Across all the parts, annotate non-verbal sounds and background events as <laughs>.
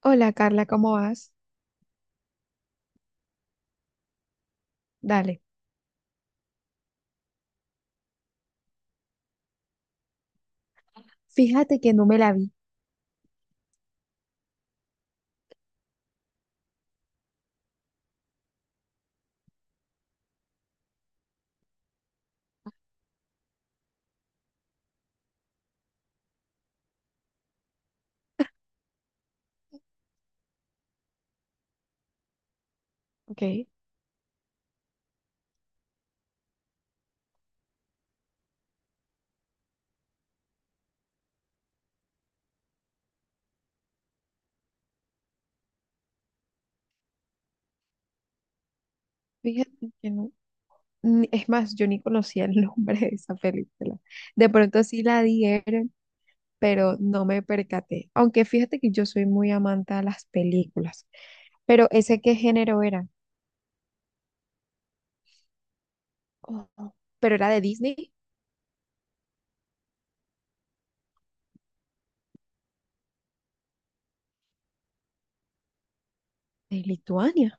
Hola Carla, ¿cómo vas? Dale. Fíjate que no me la vi. Ok, fíjate que no. Es más, yo ni conocía el <laughs> nombre de esa película. De pronto sí la dieron, pero no me percaté. Aunque fíjate que yo soy muy amante a las películas. Pero ¿ese qué género era? Oh, oh. ¿Pero era de Disney? De Lituania.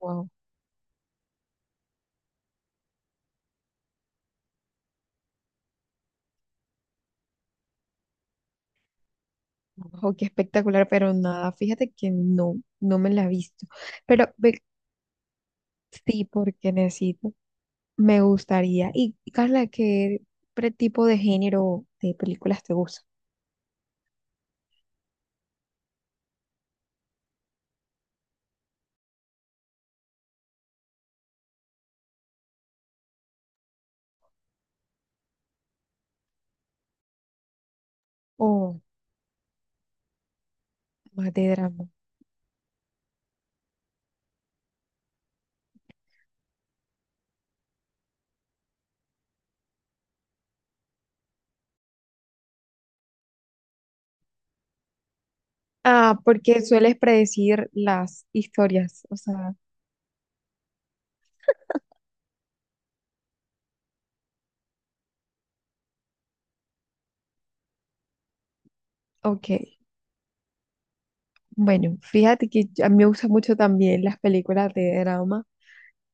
Wow, wow, qué espectacular, pero nada, fíjate que no, no me la he visto. Pero ve- sí, porque necesito. Me gustaría. Y Carla, ¿qué tipo de género de películas te gusta? O más de drama. Ah, ¿porque sueles predecir las historias? O sea, ok. Bueno, fíjate que a mí me gustan mucho también las películas de drama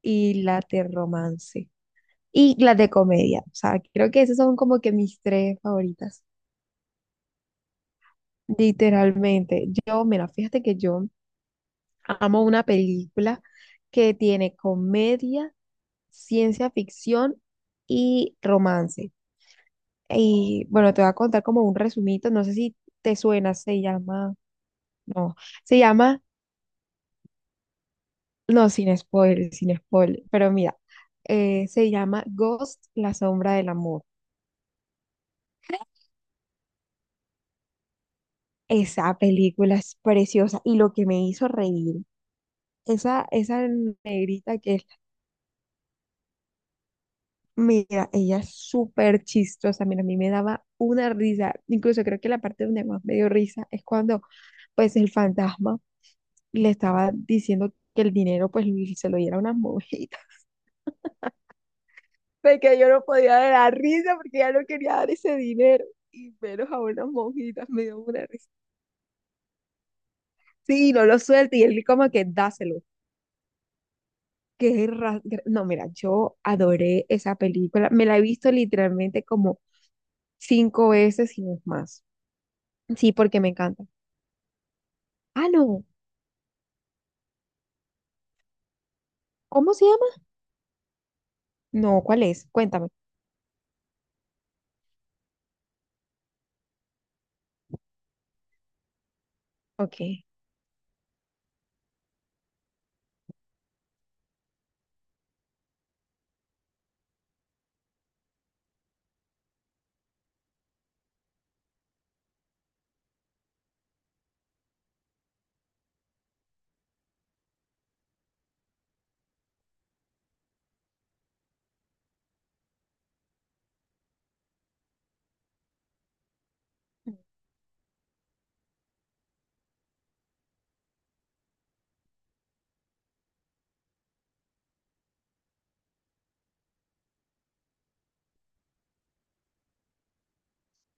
y las de romance. Y las de comedia. O sea, creo que esas son como que mis tres favoritas. Literalmente. Yo, mira, fíjate que yo amo una película que tiene comedia. Ciencia ficción y romance. Y bueno, te voy a contar como un resumito, no sé si te suena, no, se llama, no, sin spoiler, sin spoiler, pero mira, se llama Ghost, la sombra del amor. Esa película es preciosa y lo que me hizo reír, esa negrita que es, mira, ella es súper chistosa, mira, a mí me daba una risa, incluso creo que la parte donde más me dio risa es cuando pues el fantasma le estaba diciendo que el dinero pues se lo diera a unas monjitas, <laughs> porque yo no podía dar la risa porque ya no quería dar ese dinero, y menos a unas monjitas, me dio una risa. Sí, no lo suelta, y él como que dáselo. Qué Que no, mira, yo adoré esa película, me la he visto literalmente como cinco veces y no es más. Sí, porque me encanta. Ah, no, ¿cómo se llama? No, ¿cuál es? Cuéntame. Ok.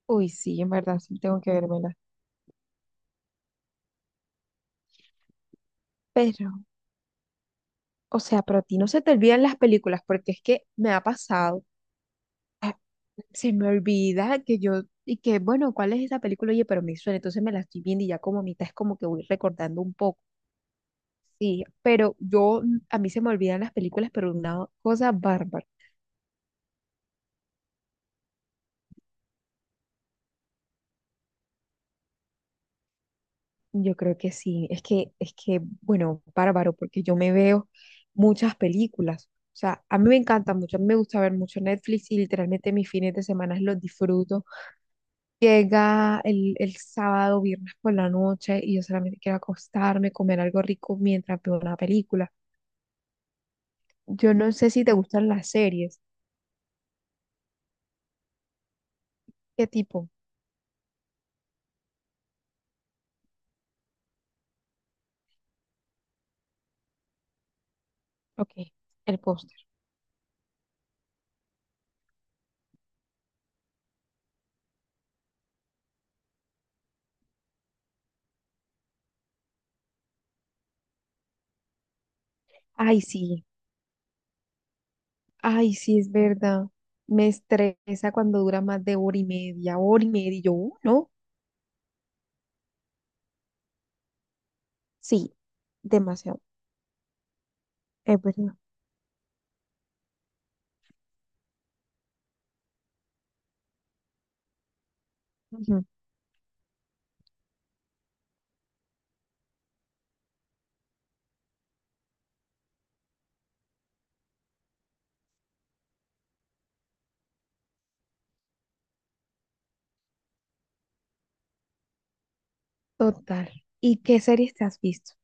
Uy, sí, en verdad, sí, tengo que vérmela. Pero o sea, pero a ti no se te olvidan las películas, porque es que me ha pasado, se me olvida que yo, y que bueno, ¿cuál es esa película? Oye, pero me suena, entonces me la estoy viendo y ya como a mitad es como que voy recordando un poco. Sí, pero yo, a mí se me olvidan las películas, pero una cosa bárbara. Yo creo que sí, bueno, bárbaro, porque yo me veo muchas películas. O sea, a mí me encanta mucho, a mí me gusta ver mucho Netflix y literalmente mis fines de semana los disfruto. Llega el sábado, viernes por la noche y yo solamente quiero acostarme, comer algo rico mientras veo una película. Yo no sé si te gustan las series. ¿Qué tipo? Ok, el póster. Ay, sí, ay, sí, es verdad. Me estresa cuando dura más de hora y media, y yo, ¿no? Sí, demasiado, es verdad. Ujú. Total. ¿Y qué series te has visto?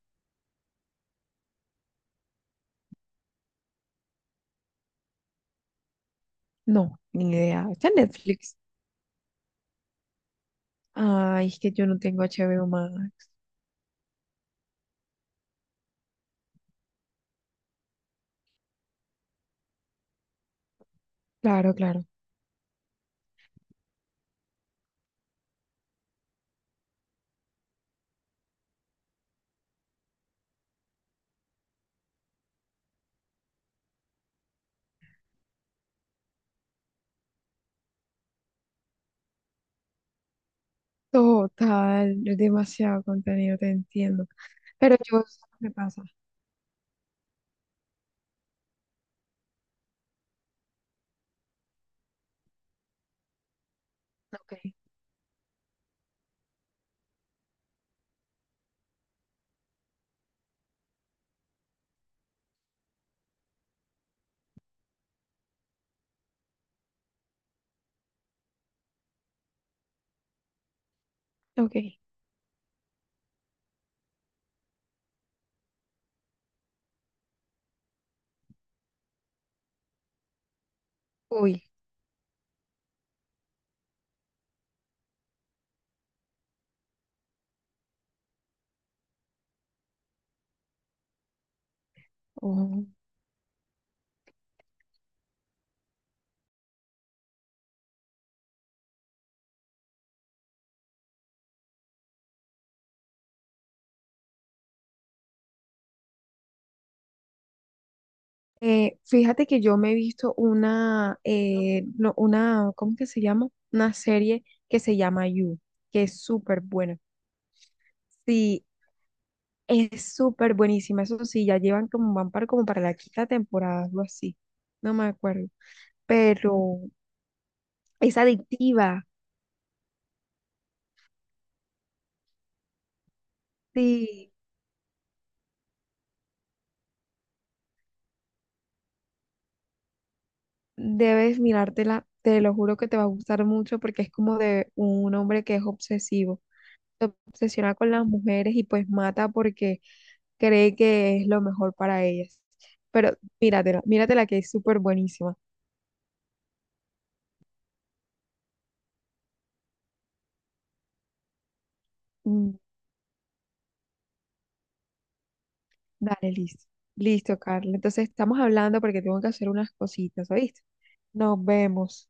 No, ni idea. ¿Está en Netflix? Ay, es que yo no tengo HBO Max. Claro, claro. Total, no, es demasiado contenido, te entiendo. Pero yo, ¿sabes qué me pasa? Ok, ok. Uy, oh. Fíjate que yo me he visto una, no, una, ¿cómo que se llama? Una serie que se llama You, que es súper buena. Sí, es súper buenísima. Eso sí, ya llevan como, van para, como para la quinta temporada, algo así. No me acuerdo. Pero es adictiva. Sí. Debes mirártela, te lo juro que te va a gustar mucho porque es como de un hombre que es obsesivo. Se obsesiona con las mujeres y pues mata porque cree que es lo mejor para ellas. Pero míratela que es súper buenísima. Mm. Dale, listo. Listo, Carla. Entonces estamos hablando porque tengo que hacer unas cositas, ¿oíste? Nos vemos.